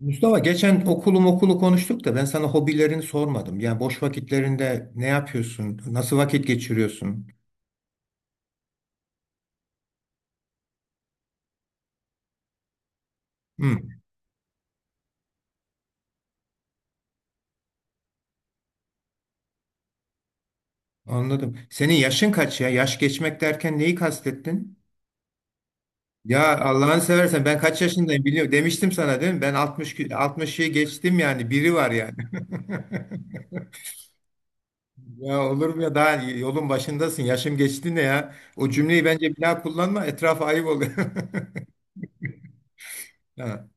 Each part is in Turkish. Mustafa, geçen okulu konuştuk da ben sana hobilerini sormadım. Yani boş vakitlerinde ne yapıyorsun? Nasıl vakit geçiriyorsun? Hı, anladım. Senin yaşın kaç ya? Yaş geçmek derken neyi kastettin? Ya Allah'ını seversen ben kaç yaşındayım biliyorum. Demiştim sana değil mi? Ben 60'ı geçtim yani. Biri var yani. Ya olur mu ya? Daha yolun başındasın. Yaşım geçti ne ya? O cümleyi bence bir daha kullanma. Etrafa ayıp oluyor.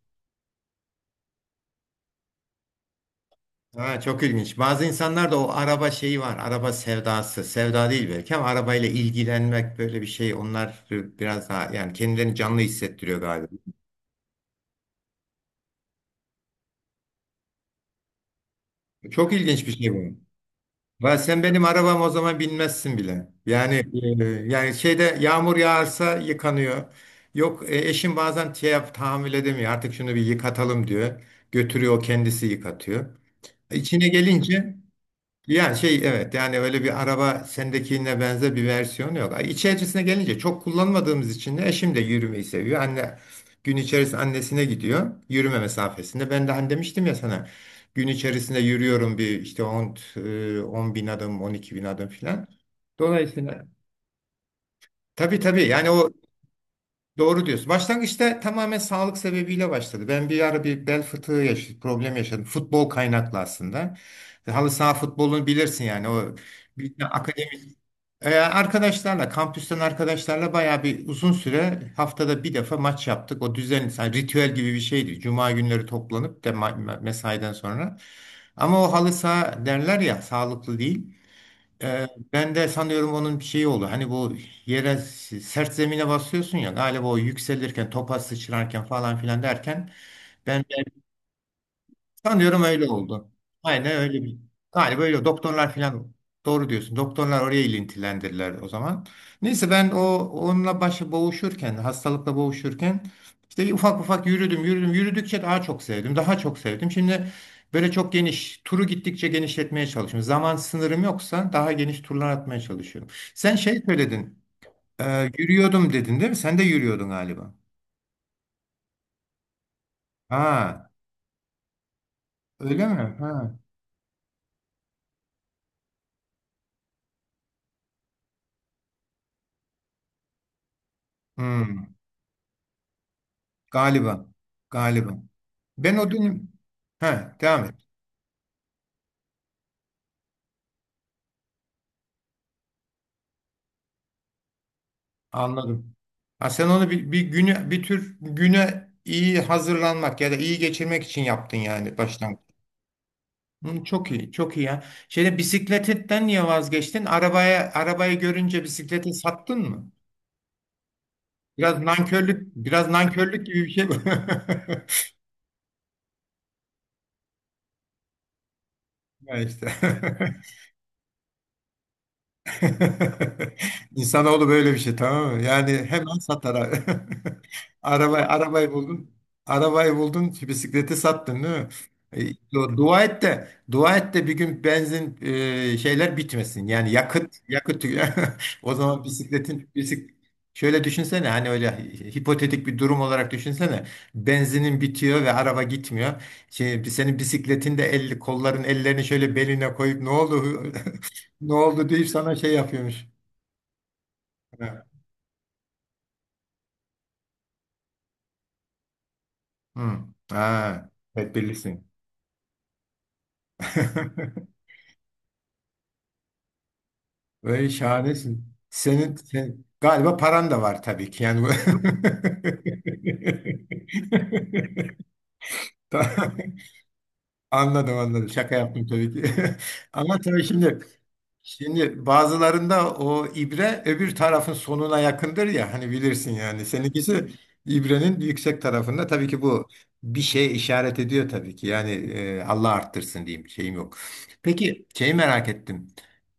Ha, çok ilginç. Bazı insanlarda o araba şeyi var. Araba sevdası. Sevda değil belki ama arabayla ilgilenmek böyle bir şey. Onlar biraz daha yani kendilerini canlı hissettiriyor galiba. Çok ilginç bir şey bu. Sen benim arabam, o zaman binmezsin bile. Yani şeyde yağmur yağarsa yıkanıyor. Yok, eşim bazen tahammül edemiyor. Artık şunu bir yıkatalım diyor. Götürüyor, o kendisi yıkatıyor. İçine gelince ya şey evet yani öyle bir araba sendekine benzer bir versiyon yok. Ay. İçerisine gelince çok kullanmadığımız için de eşim de yürümeyi seviyor. Gün içerisinde annesine gidiyor yürüme mesafesinde. Ben de hani demiştim ya sana gün içerisinde yürüyorum bir işte 10 bin adım 12 bin adım filan. Dolayısıyla tabii tabii, yani o doğru diyorsun. Başlangıçta tamamen sağlık sebebiyle başladı. Ben bir ara bir bel fıtığı yaşadım, problem yaşadım. Futbol kaynaklı aslında. Halı saha futbolunu bilirsin, yani o bir- arkadaşlarla, kampüsten arkadaşlarla bayağı bir uzun süre haftada bir defa maç yaptık. O düzen, yani ritüel gibi bir şeydi. Cuma günleri toplanıp de mesaiden sonra. Ama o halı saha derler ya, sağlıklı değil. Ee, Ben de sanıyorum onun bir şeyi oldu. Hani bu yere sert zemine basıyorsun ya, galiba o yükselirken, topa sıçrarken falan filan derken ben sanıyorum öyle oldu. Aynen öyle bir. Galiba öyle. Doktorlar falan doğru diyorsun. Doktorlar oraya ilintilendirdiler o zaman. Neyse ben o onunla başı boğuşurken, hastalıkla boğuşurken işte ufak ufak yürüdüm, yürüdüm. Yürüdükçe daha çok sevdim, daha çok sevdim. Şimdi böyle çok geniş, turu gittikçe genişletmeye çalışıyorum. Zaman sınırım yoksa daha geniş turlar atmaya çalışıyorum. Sen şey söyledin, yürüyordum dedin değil mi? Sen de yürüyordun galiba. Ha, öyle mi? Ha. Hmm. Galiba. Galiba. Ben o dönem. He, devam et. Anladım. Ha, sen onu bir, bir güne bir tür güne iyi hazırlanmak ya da iyi geçirmek için yaptın yani baştan. Hı, çok iyi, çok iyi ya. Şeyde bisikletten niye vazgeçtin? Arabaya arabayı görünce bisikleti sattın mı? Biraz nankörlük, biraz nankörlük gibi bir şey bu. Ya işte. İnsanoğlu böyle bir şey, tamam mı? Yani hemen satar. Araba, arabayı buldun. Arabayı buldun, bisikleti sattın değil mi? E, Dua et de, dua et de bir gün benzin, şeyler bitmesin. Yani yakıt, yakıt. O zaman bisikletin Şöyle düşünsene, hani öyle hipotetik bir durum olarak düşünsene. Benzinin bitiyor ve araba gitmiyor. Şey, senin bisikletin de elli ellerini şöyle beline koyup ne oldu? Ne oldu deyip sana şey yapıyormuş. Ha. Hı. Ha. Tedbirlisin. Böyle şahanesin. Senin, sen, galiba paran da var tabii ki. Yani Ta- Anladım, anladım. Şaka yaptım tabii ki. Ama tabii şimdi bazılarında o ibre öbür tarafın sonuna yakındır ya, hani bilirsin yani. Seninkisi ibrenin yüksek tarafında, tabii ki bu bir şeye işaret ediyor tabii ki. Yani Allah arttırsın diyeyim şeyim yok. Peki şeyi merak ettim.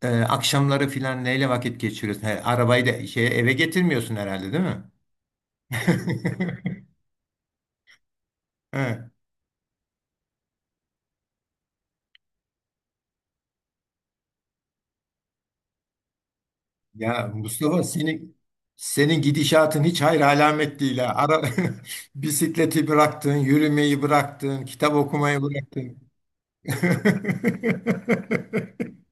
Akşamları filan neyle vakit geçiriyorsun? He, arabayı da şey eve getirmiyorsun herhalde değil mi? He. Ya Mustafa, senin gidişatın hiç hayır alamet değil ha. Bisikleti bıraktın, yürümeyi bıraktın, kitap okumayı bıraktın.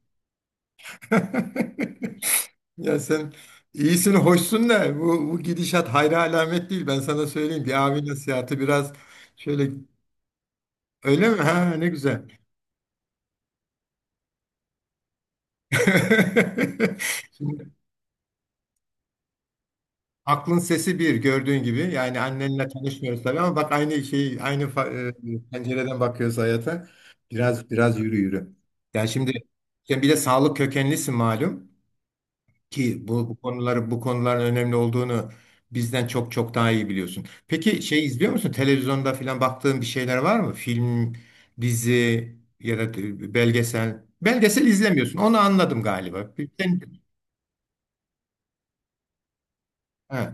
Ya sen iyisin, hoşsun da bu gidişat hayra alamet değil. Ben sana söyleyeyim, bir abi nasihatı biraz şöyle. Öyle mi? Ha, ne güzel. Şimdi aklın sesi bir gördüğün gibi. Yani annenle tanışmıyoruz tabii ama bak aynı şey, aynı pencereden bakıyoruz hayata. Biraz yürü yürü. Yani şimdi sen bir de sağlık kökenlisin, malum ki bu konuların önemli olduğunu bizden çok çok daha iyi biliyorsun. Peki şey izliyor musun? Televizyonda falan baktığın bir şeyler var mı? Film, dizi ya da belgesel. Belgesel izlemiyorsun. Onu anladım galiba. Sen- He.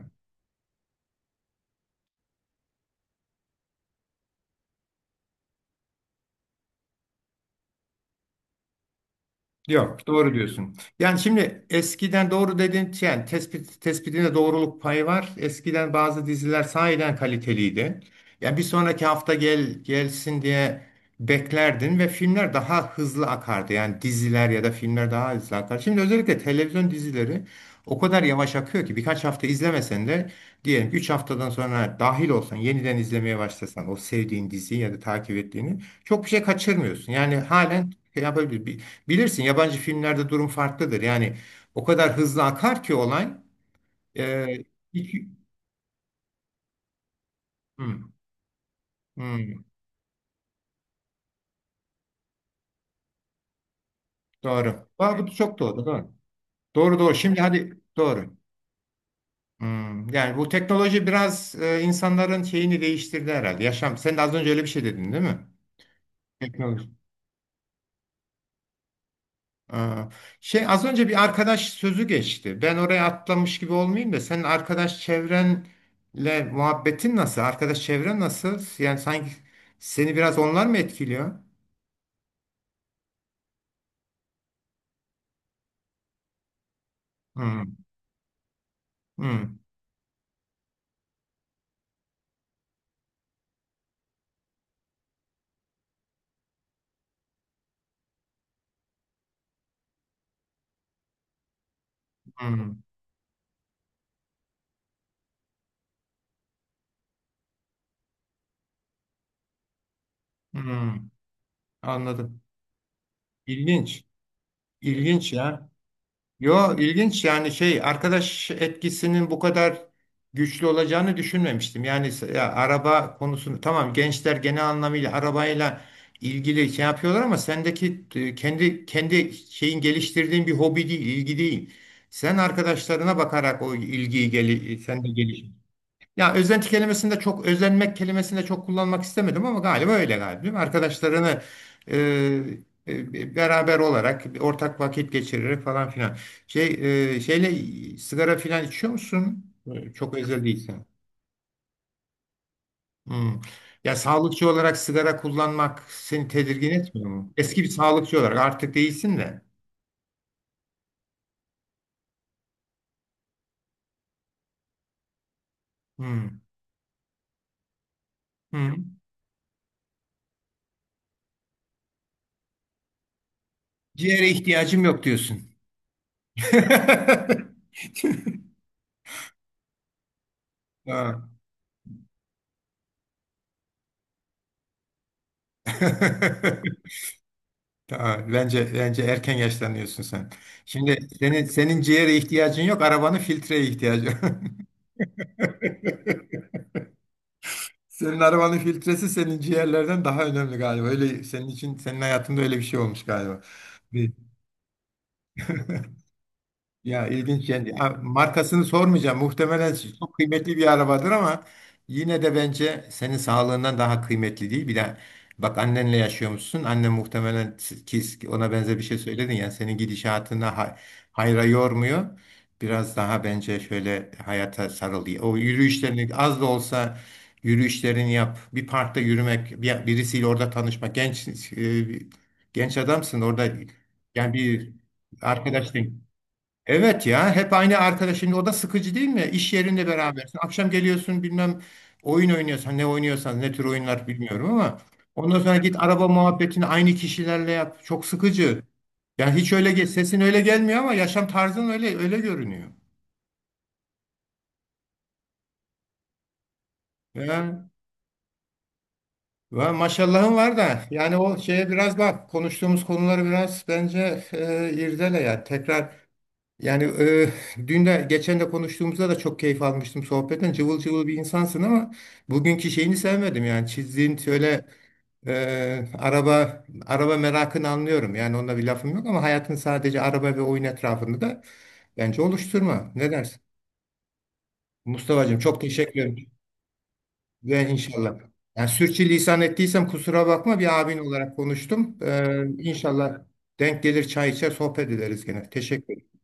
Yok, doğru diyorsun. Yani şimdi eskiden doğru dedin, yani tespit, tespitinde doğruluk payı var. Eskiden bazı diziler sahiden kaliteliydi. Yani bir sonraki hafta gel gelsin diye beklerdin ve filmler daha hızlı akardı. Yani diziler ya da filmler daha hızlı akar. Şimdi özellikle televizyon dizileri o kadar yavaş akıyor ki birkaç hafta izlemesen de, diyelim 3 haftadan sonra dahil olsan, yeniden izlemeye başlasan o sevdiğin diziyi ya da takip ettiğini çok bir şey kaçırmıyorsun. Yani halen şey yapabilir. Bilirsin, yabancı filmlerde durum farklıdır. Yani o kadar hızlı akar ki olay. E, iki, Hmm, hmm, doğru. Aa, bu çok doğru. Doğru. Doğru doğru. Şimdi hadi doğru. Hmm, yani bu teknoloji biraz insanların şeyini değiştirdi herhalde. Yaşam. Sen de az önce öyle bir şey dedin değil mi? Teknoloji. Aa, şey az önce bir arkadaş sözü geçti. Ben oraya atlamış gibi olmayayım da senin arkadaş çevrenle muhabbetin nasıl? Arkadaş çevren nasıl? Yani sanki seni biraz onlar mı etkiliyor? Hmm, hmm, hmm, hmm. Anladım. İlginç. İlginç ya. Yo ilginç, yani şey arkadaş etkisinin bu kadar güçlü olacağını düşünmemiştim. Yani ya, araba konusunu tamam, gençler genel anlamıyla arabayla ilgili şey yapıyorlar ama sendeki kendi şeyin geliştirdiğin bir hobi değil, ilgi değil. Sen arkadaşlarına bakarak o ilgiyi sen de geliş. Ya özenti kelimesinde çok özenmek kelimesinde çok kullanmak istemedim ama galiba öyle, galiba değil mi? Arkadaşlarını e, beraber olarak ortak vakit geçirerek falan filan. Şey, şeyle sigara filan içiyor musun? Çok özel değilsen. Hmm. Ya sağlıkçı olarak sigara kullanmak seni tedirgin etmiyor mu? Eski bir sağlıkçı olarak artık değilsin de. Hmm. Hmm. Ciğere ihtiyacım yok diyorsun. Ha. Aa, bence erken yaşlanıyorsun sen. Şimdi senin ciğere ihtiyacın yok, arabanın filtreye ihtiyacı var. Senin arabanın filtresi senin ciğerlerden daha önemli galiba. Öyle, senin için senin hayatında öyle bir şey olmuş galiba. Ya ilginç yani. Ya, markasını sormayacağım. Muhtemelen çok kıymetli bir arabadır ama yine de bence senin sağlığından daha kıymetli değil. Bir de bak, annenle yaşıyormuşsun. Annen muhtemelen, ki ona benzer bir şey söyledin ya, senin gidişatına hayra yormuyor. Biraz daha bence şöyle hayata sarıl diye. O yürüyüşlerini az da olsa yürüyüşlerini yap. Bir parkta yürümek, birisiyle orada tanışmak. Genç adamsın orada yani bir arkadaşın. Evet ya, hep aynı arkadaş şimdi o da sıkıcı değil mi? İş yerinde, evet, berabersin. Akşam geliyorsun, bilmem oyun oynuyorsan ne oynuyorsan ne tür oyunlar bilmiyorum ama ondan sonra git araba muhabbetini aynı kişilerle yap. Çok sıkıcı. Yani hiç öyle sesin öyle gelmiyor ama yaşam tarzın öyle öyle görünüyor. Ya, maşallahın var da yani o şeye biraz bak, konuştuğumuz konuları biraz bence irdele ya tekrar. Yani dün de geçen de konuştuğumuzda da çok keyif almıştım sohbetten. Cıvıl cıvıl bir insansın ama bugünkü şeyini sevmedim yani çizdiğin şöyle araba merakını anlıyorum. Yani onunla bir lafım yok ama hayatın sadece araba ve oyun etrafında da bence oluşturma. Ne dersin? Mustafa'cığım, çok teşekkür ederim ve inşallah. Yani sürçülisan ettiysem kusura bakma, bir abin olarak konuştum. İnşallah denk gelir, çay içer sohbet ederiz gene. Teşekkür